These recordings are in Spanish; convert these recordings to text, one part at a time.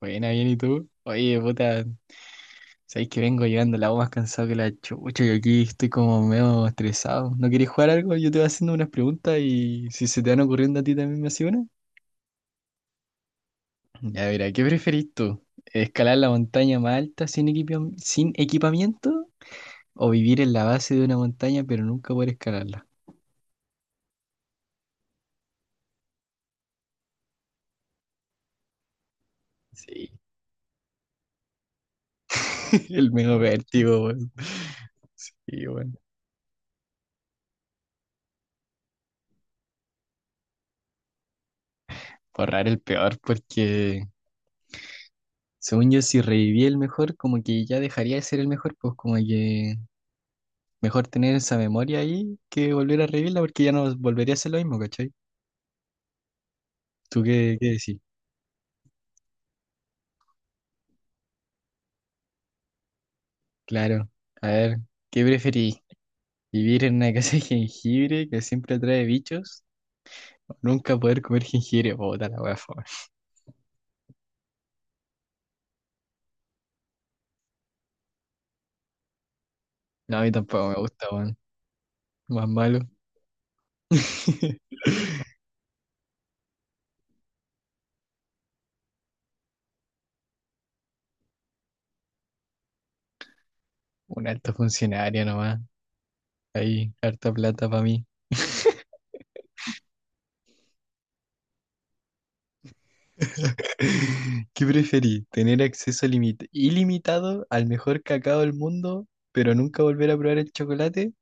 Buena, bien, ¿y tú? Oye, puta, sabéis que vengo llegando la voz más cansado que la chucha y aquí estoy como medio estresado. ¿No querés jugar algo? Yo te voy haciendo unas preguntas y si se te van ocurriendo a ti también me haces una. Ya, mira, ¿qué preferís tú? ¿Escalar la montaña más alta sin equipamiento? ¿O vivir en la base de una montaña pero nunca poder escalarla? Sí, el medio vértigo, weón. Sí, bueno. Borrar el peor porque según yo si reviví el mejor como que ya dejaría de ser el mejor, pues como que mejor tener esa memoria ahí que volver a revivirla porque ya no volvería a ser lo mismo, ¿cachai? ¿Tú qué decís? Claro. A ver, ¿qué preferís? ¿Vivir en una casa de jengibre que siempre atrae bichos? ¿O nunca poder comer jengibre? Puta la wea, fome. No, a mí tampoco me gusta, weón. Más malo. Un alto funcionario nomás. Ahí, harta plata para mí. ¿Qué preferís? ¿Tener acceso ilimitado al mejor cacao del mundo, pero nunca volver a probar el chocolate?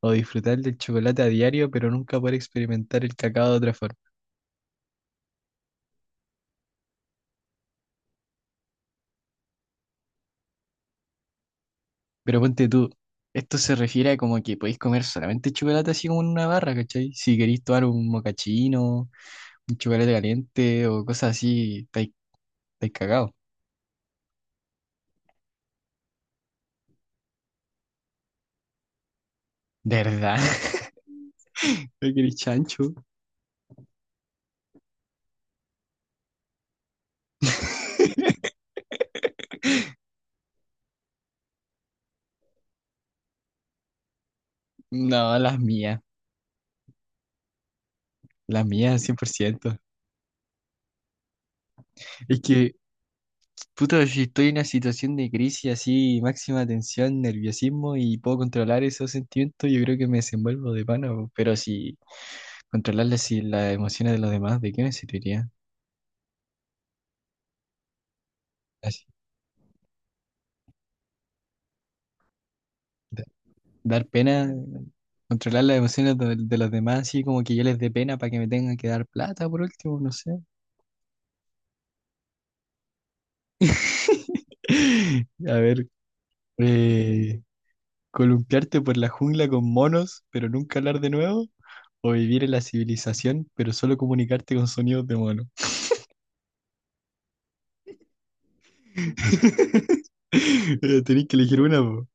O disfrutar del chocolate a diario, pero nunca poder experimentar el cacao de otra forma. Pero ponte tú, esto se refiere a como que podéis comer solamente chocolate así como en una barra, ¿cachai? Si queréis tomar un mocachino, un chocolate caliente o cosas así, estáis cagados. ¿De verdad? ¿No queréis chancho? No, las mías, 100%. Es que, puta, si estoy en una situación de crisis así, máxima tensión, nerviosismo y puedo controlar esos sentimientos, yo creo que me desenvuelvo de pana, po. Pero si controlar las emociones de los demás, ¿de qué me serviría? Así, da- dar pena, controlar las emociones de los demás, así como que yo les dé pena para que me tengan que dar plata por último, no sé. A ver, eh, columpiarte por la jungla con monos, pero nunca hablar de nuevo, o vivir en la civilización, pero solo comunicarte con sonidos de mono. Tenés que elegir una, po.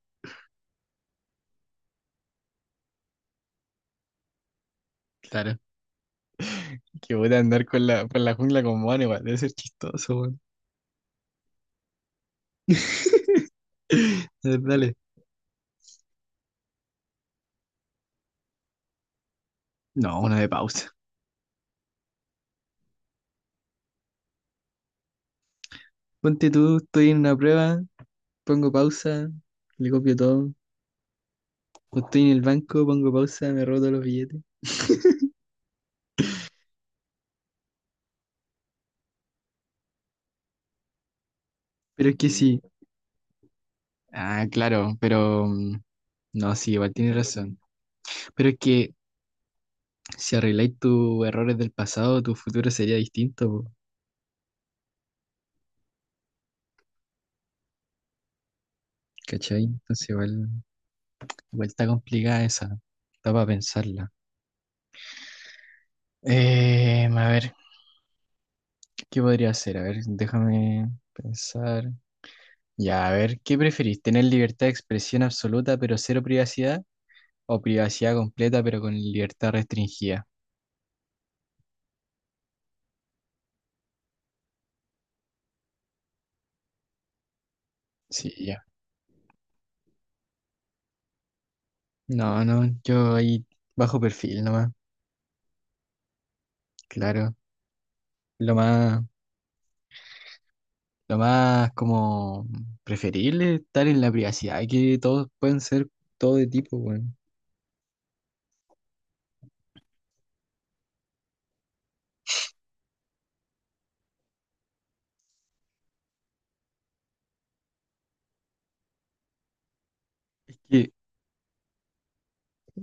Claro. Que voy a andar por la jungla con mono, igual, debe ser chistoso, weón. A ver, dale. No, una de pausa. Ponte tú, estoy en una prueba, pongo pausa, le copio todo. O estoy en el banco, pongo pausa, me robo todos los billetes. Pero es que sí. Ah, claro, pero no, sí, igual tienes razón. Pero es que si arregláis tus errores del pasado, tu futuro sería distinto, po, ¿cachai? Entonces igual, igual está complicada esa. Está para pensarla. A ver, ¿qué podría hacer? A ver, déjame pensar. Ya, a ver, ¿qué preferís? ¿Tener libertad de expresión absoluta pero cero privacidad? ¿O privacidad completa pero con libertad restringida? Sí, ya. No, no, yo ahí bajo perfil nomás, claro. Lo más, lo más como preferible es estar en la privacidad, que todos pueden ser todo de tipo, bueno. Es que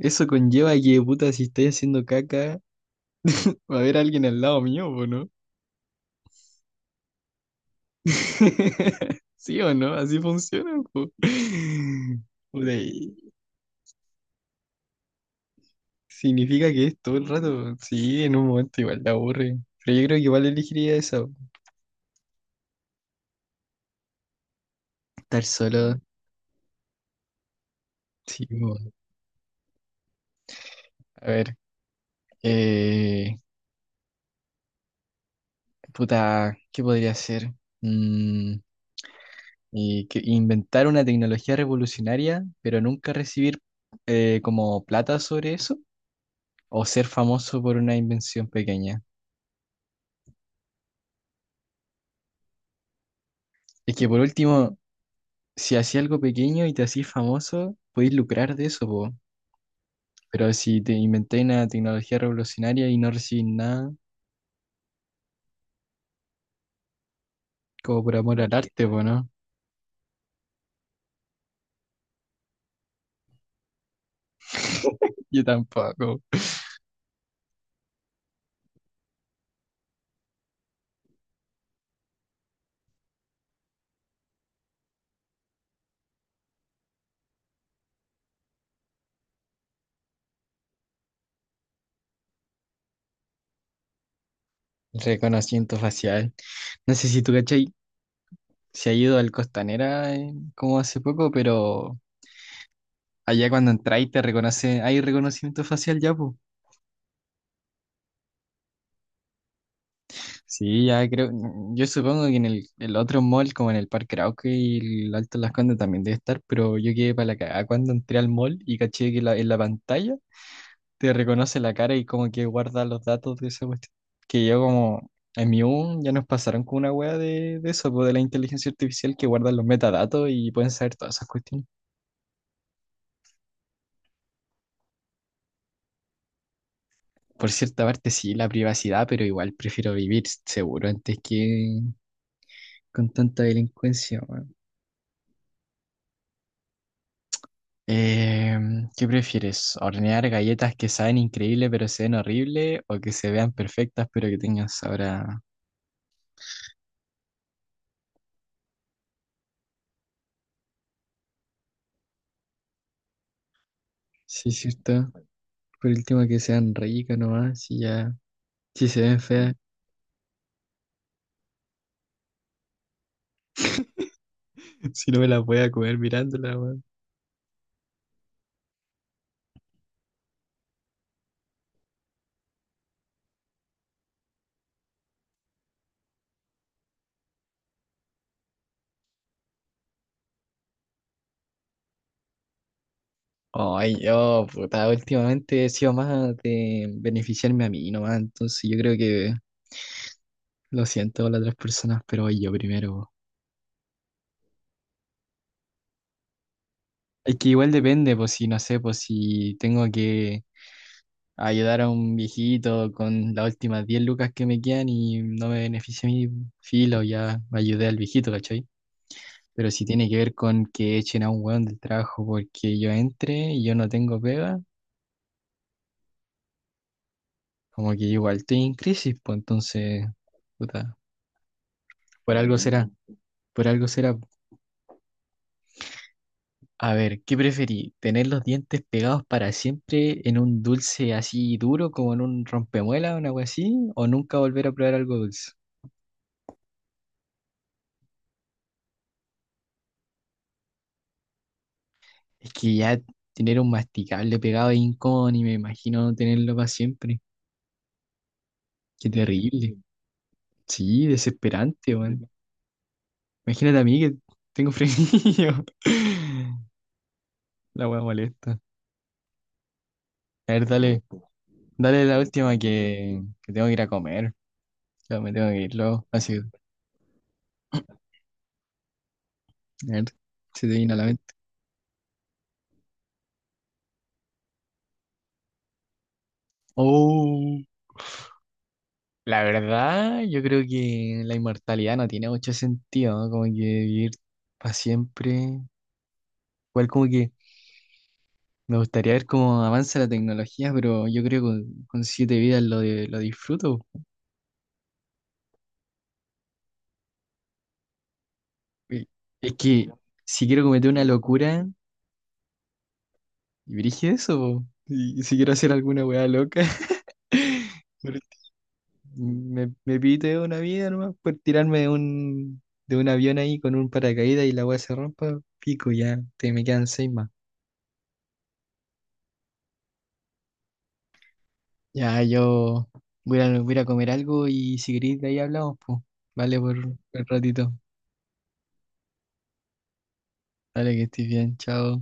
eso conlleva que, puta, si estoy haciendo caca, va a haber alguien al lado mío, po, ¿no? ¿Sí o no? Así funciona, po. Puta, y- Significa que es todo el rato. Sí, en un momento igual te aburre. Pero yo creo que igual elegiría esa. Estar solo. Sí, po. A ver, eh, puta, ¿qué podría hacer? Mm, y que inventar una tecnología revolucionaria, pero nunca recibir, como, plata sobre eso. O ser famoso por una invención pequeña. Es que por último, si hacía algo pequeño y te hacís famoso, podéis lucrar de eso, po. Pero si te inventáis una tecnología revolucionaria y no recibís nada. Como por amor al arte, po, ¿no? Yo tampoco. Reconocimiento facial. No sé si tú, ¿cachai? Se ha ido al Costanera, como hace poco, pero allá cuando entráis te reconoce, hay reconocimiento facial ya, pues. Sí, ya creo, yo supongo que en el otro mall, como en el Parque Arauco y el Alto Las Condes también debe estar, pero yo quedé para la cagada cuando entré al mall y caché que en la pantalla te reconoce la cara y como que guarda los datos de esa cuestión. Que yo como en mi U ya nos pasaron con una wea de eso, pues, de la inteligencia artificial que guardan los metadatos y pueden saber todas esas cuestiones. Por cierta parte sí, la privacidad, pero igual prefiero vivir seguro antes que con tanta delincuencia, weón. Eh, ¿Qué prefieres? ¿Hornear galletas que saben increíble pero se ven horrible o que se vean perfectas pero que tengan sabor a...? Sí, cierto. Por último que sean ricas nomás y ya. Si se ven feas, si no me la voy a comer mirándola, weón. Ay, yo, puta, últimamente he sido más de beneficiarme a mí nomás, entonces yo creo que lo siento a las otras personas, pero voy yo primero, po. Es que igual depende, pues si no sé, pues si tengo que ayudar a un viejito con las últimas 10 lucas que me quedan y no me beneficia mi filo, ya ayudé al viejito, ¿cachai? Pero si tiene que ver con que echen a un weón del trabajo porque yo entre y yo no tengo pega. Como que yo igual estoy en crisis, pues entonces, puta, por algo será, por algo será. A ver, ¿qué preferí? ¿Tener los dientes pegados para siempre en un dulce así duro, como en un rompemuela o algo así? ¿O nunca volver a probar algo dulce? Es que ya tener un masticable pegado es incómodo y me imagino no tenerlo para siempre. Qué terrible. Mm. Sí, desesperante, weón. Imagínate a mí que tengo frenillo. La weá molesta. A ver, dale. Dale la última que tengo que ir a comer. Ya me tengo que ir luego. Así que, a ver, se te viene a la mente. Oh, la verdad, yo creo que la inmortalidad no tiene mucho sentido, ¿no? Como que vivir para siempre. Igual como que me gustaría ver cómo avanza la tecnología, pero yo creo que con siete vidas lo disfruto. Y- Es que si quiero cometer una locura, y dirige eso, po. Y si quiero hacer alguna weá loca. me me pité una vida nomás por tirarme de un avión ahí con un paracaídas y la weá se rompa, pico ya, te me quedan seis más. Ya yo voy a ir a comer algo y si queréis de ahí hablamos, pues. Vale por un ratito. Dale que estés bien, chao.